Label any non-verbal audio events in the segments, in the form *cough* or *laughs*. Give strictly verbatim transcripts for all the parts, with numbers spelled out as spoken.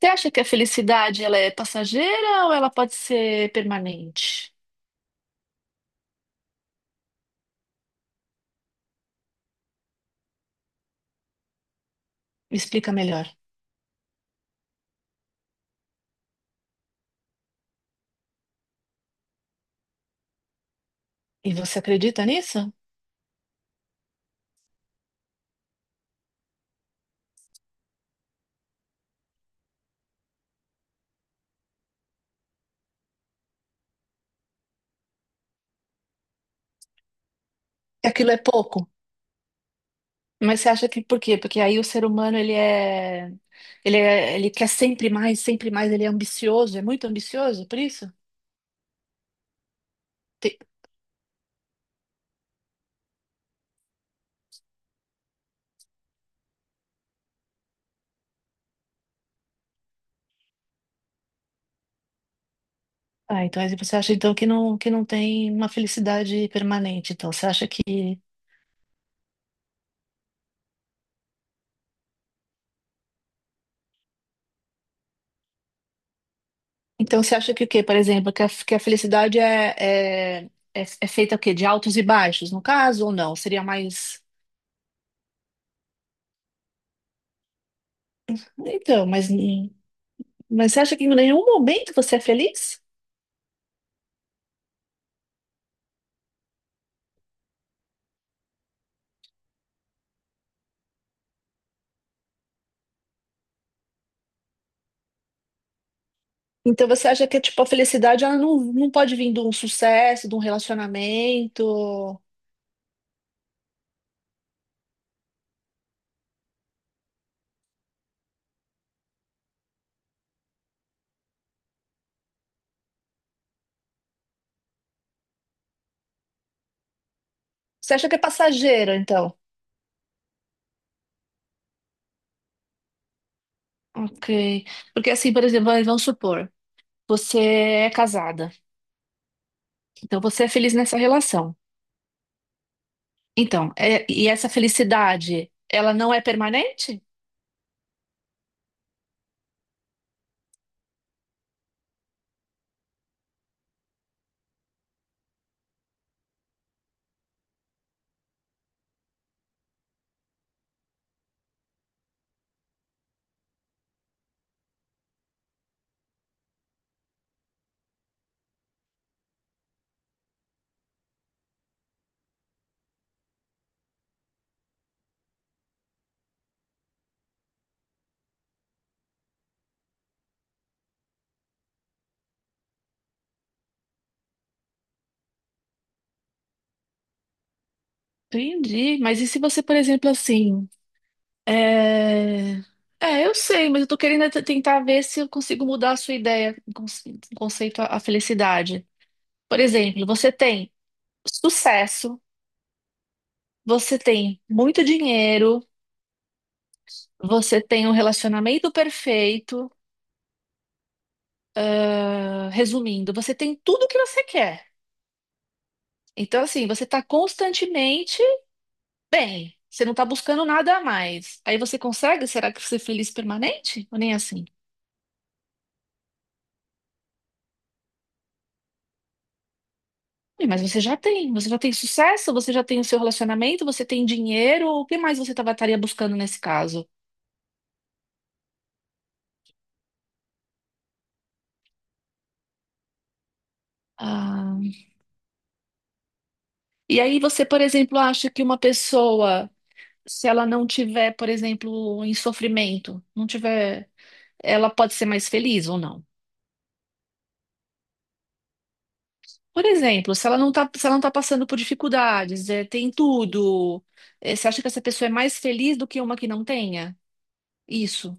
Você acha que a felicidade ela é passageira ou ela pode ser permanente? Me explica melhor. E você acredita nisso? Que aquilo é pouco. Mas você acha que por quê? Porque aí o ser humano ele é, ele é, ele quer sempre mais, sempre mais, ele é ambicioso, é muito ambicioso, por isso? Tem- Ah, então aí você acha então que não que não tem uma felicidade permanente. Então você acha que então você acha que o quê? Por exemplo, que a, que a felicidade é, é, é, é feita o quê? De altos e baixos, no caso, ou não? Seria mais. Então, mas, n- mas você acha que em nenhum momento você é feliz? Então você acha que tipo, a felicidade ela não, não pode vir de um sucesso, de um relacionamento? Você acha que é passageira, então? Ok. Porque assim, por exemplo, vai- vamos supor, você é casada, então você é feliz nessa relação. Então, é- e essa felicidade, ela não é permanente? Entendi. Mas e se você, por exemplo, assim, É... é, eu sei, mas eu tô querendo é t- tentar ver se eu consigo mudar a sua ideia, conce- conceito à à felicidade. Por exemplo, você tem sucesso, você tem muito dinheiro, você tem um relacionamento perfeito. Ah, resumindo, você tem tudo o que você quer. Então, assim, você tá constantemente bem. Você não tá buscando nada a mais. Aí você consegue? Será que ser feliz permanente? Ou nem assim? Ih, mas você já tem, você já tem sucesso, você já tem o seu relacionamento, você tem dinheiro, o que mais você tava, estaria buscando nesse caso? Ah, e aí você, por exemplo, acha que uma pessoa, se ela não tiver, por exemplo, em sofrimento, não tiver, ela pode ser mais feliz ou não? Por exemplo, se ela não tá, se ela não tá passando por dificuldades, eh, tem tudo, eh, você acha que essa pessoa é mais feliz do que uma que não tenha? Isso.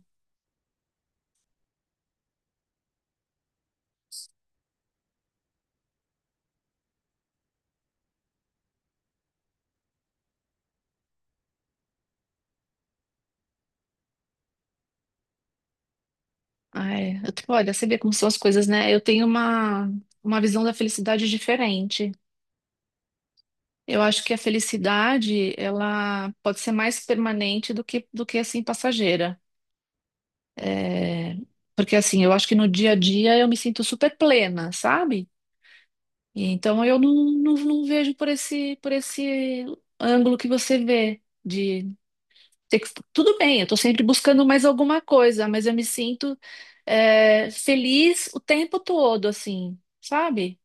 Ai, eu, tipo, olha, você vê como são as coisas, né? Eu tenho uma, uma visão da felicidade diferente. Eu acho que a felicidade, ela pode ser mais permanente do que, do que assim, passageira. É, porque, assim, eu acho que no dia a dia eu me sinto super plena, sabe? E então eu não, não, não vejo por esse, por esse ângulo que você vê, de. Tem que- Tudo bem, eu tô sempre buscando mais alguma coisa, mas eu me sinto é, feliz o tempo todo, assim, sabe?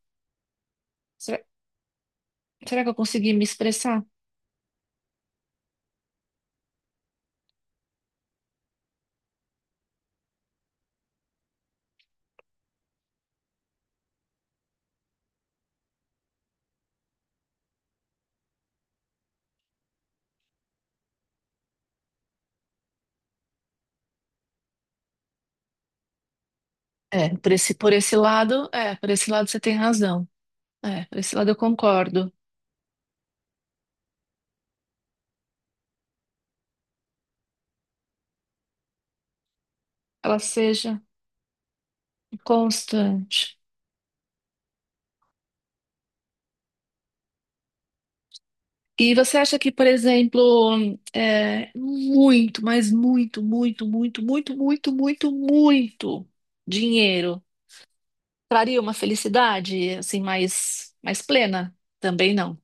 Será, será que eu consegui me expressar? É, por esse, por esse lado, é, por esse lado você tem razão. É, por esse lado eu concordo. Ela seja constante. E você acha que, por exemplo, é, muito, mas muito, muito, muito, muito, muito, muito, muito dinheiro traria uma felicidade assim mais, mais plena? Também não.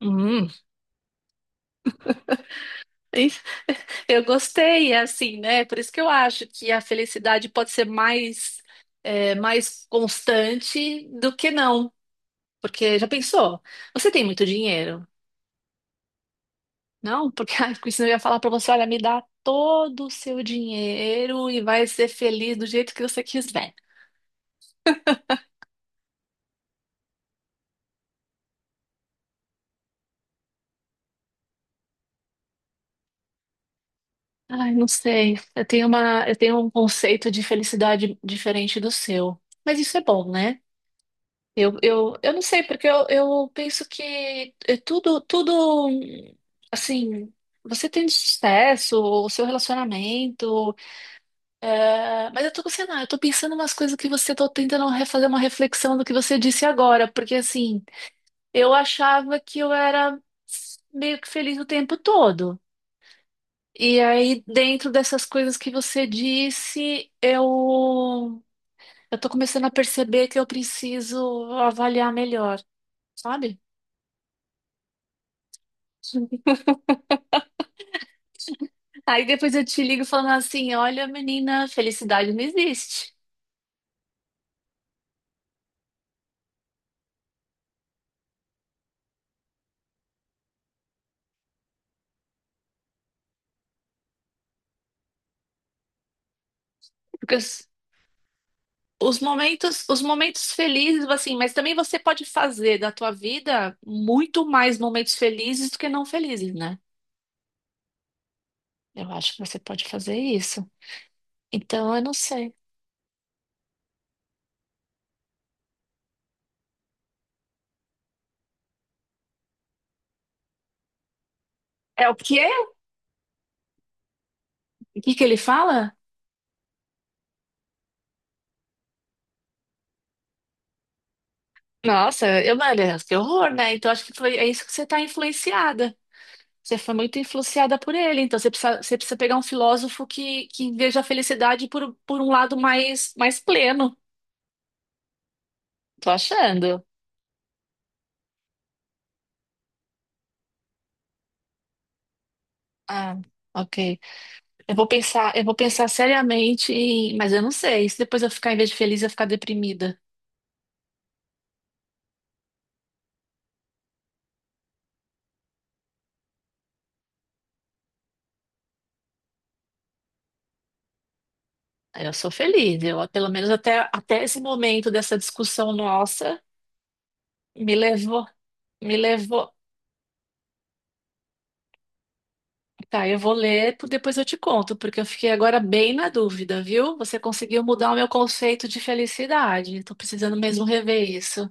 Hum, isso- eu gostei, é assim, né? Por isso que eu acho que a felicidade pode ser mais, é, mais constante do que não. Porque já pensou? Você tem muito dinheiro. Não, porque *laughs* ai, porque senão eu ia falar pra você, olha, me dá todo o seu dinheiro e vai ser feliz do jeito que você quiser. Ai, não sei. Eu tenho uma, eu tenho um conceito de felicidade diferente do seu. Mas isso é bom, né? Eu, eu, eu não sei, porque eu, eu penso que é tudo, tudo, assim, você tem sucesso, o seu relacionamento, é, mas eu tô, sei lá, eu tô pensando umas coisas que você tô tentando refazer uma reflexão do que você disse agora, porque assim, eu achava que eu era meio que feliz o tempo todo. E aí, dentro dessas coisas que você disse, eu eu tô começando a perceber que eu preciso avaliar melhor, sabe? *laughs* Aí depois eu te ligo falando assim, olha, menina, felicidade não existe. Porque os, os momentos, os momentos felizes, assim, mas também você pode fazer da tua vida muito mais momentos felizes do que não felizes, né? Eu acho que você pode fazer isso. Então, eu não sei. É o quê? O que que ele fala? Nossa, eu, mano, que horror, né? Então, acho que foi, é isso que você tá influenciada. Você foi muito influenciada por ele. Então, você precisa, você precisa pegar um filósofo que, que veja a felicidade por, por um lado mais, mais pleno. Tô achando. Ah, ok. Eu vou pensar, eu vou pensar seriamente, em- mas eu não sei. E se depois eu ficar, em vez de feliz, eu ficar deprimida. Eu sou feliz. Eu, pelo menos até, até esse momento dessa discussão nossa, me levou. Me levou. Tá, eu vou ler, po- depois eu te conto, porque eu fiquei agora bem na dúvida, viu? Você conseguiu mudar o meu conceito de felicidade. Tô precisando mesmo rever isso.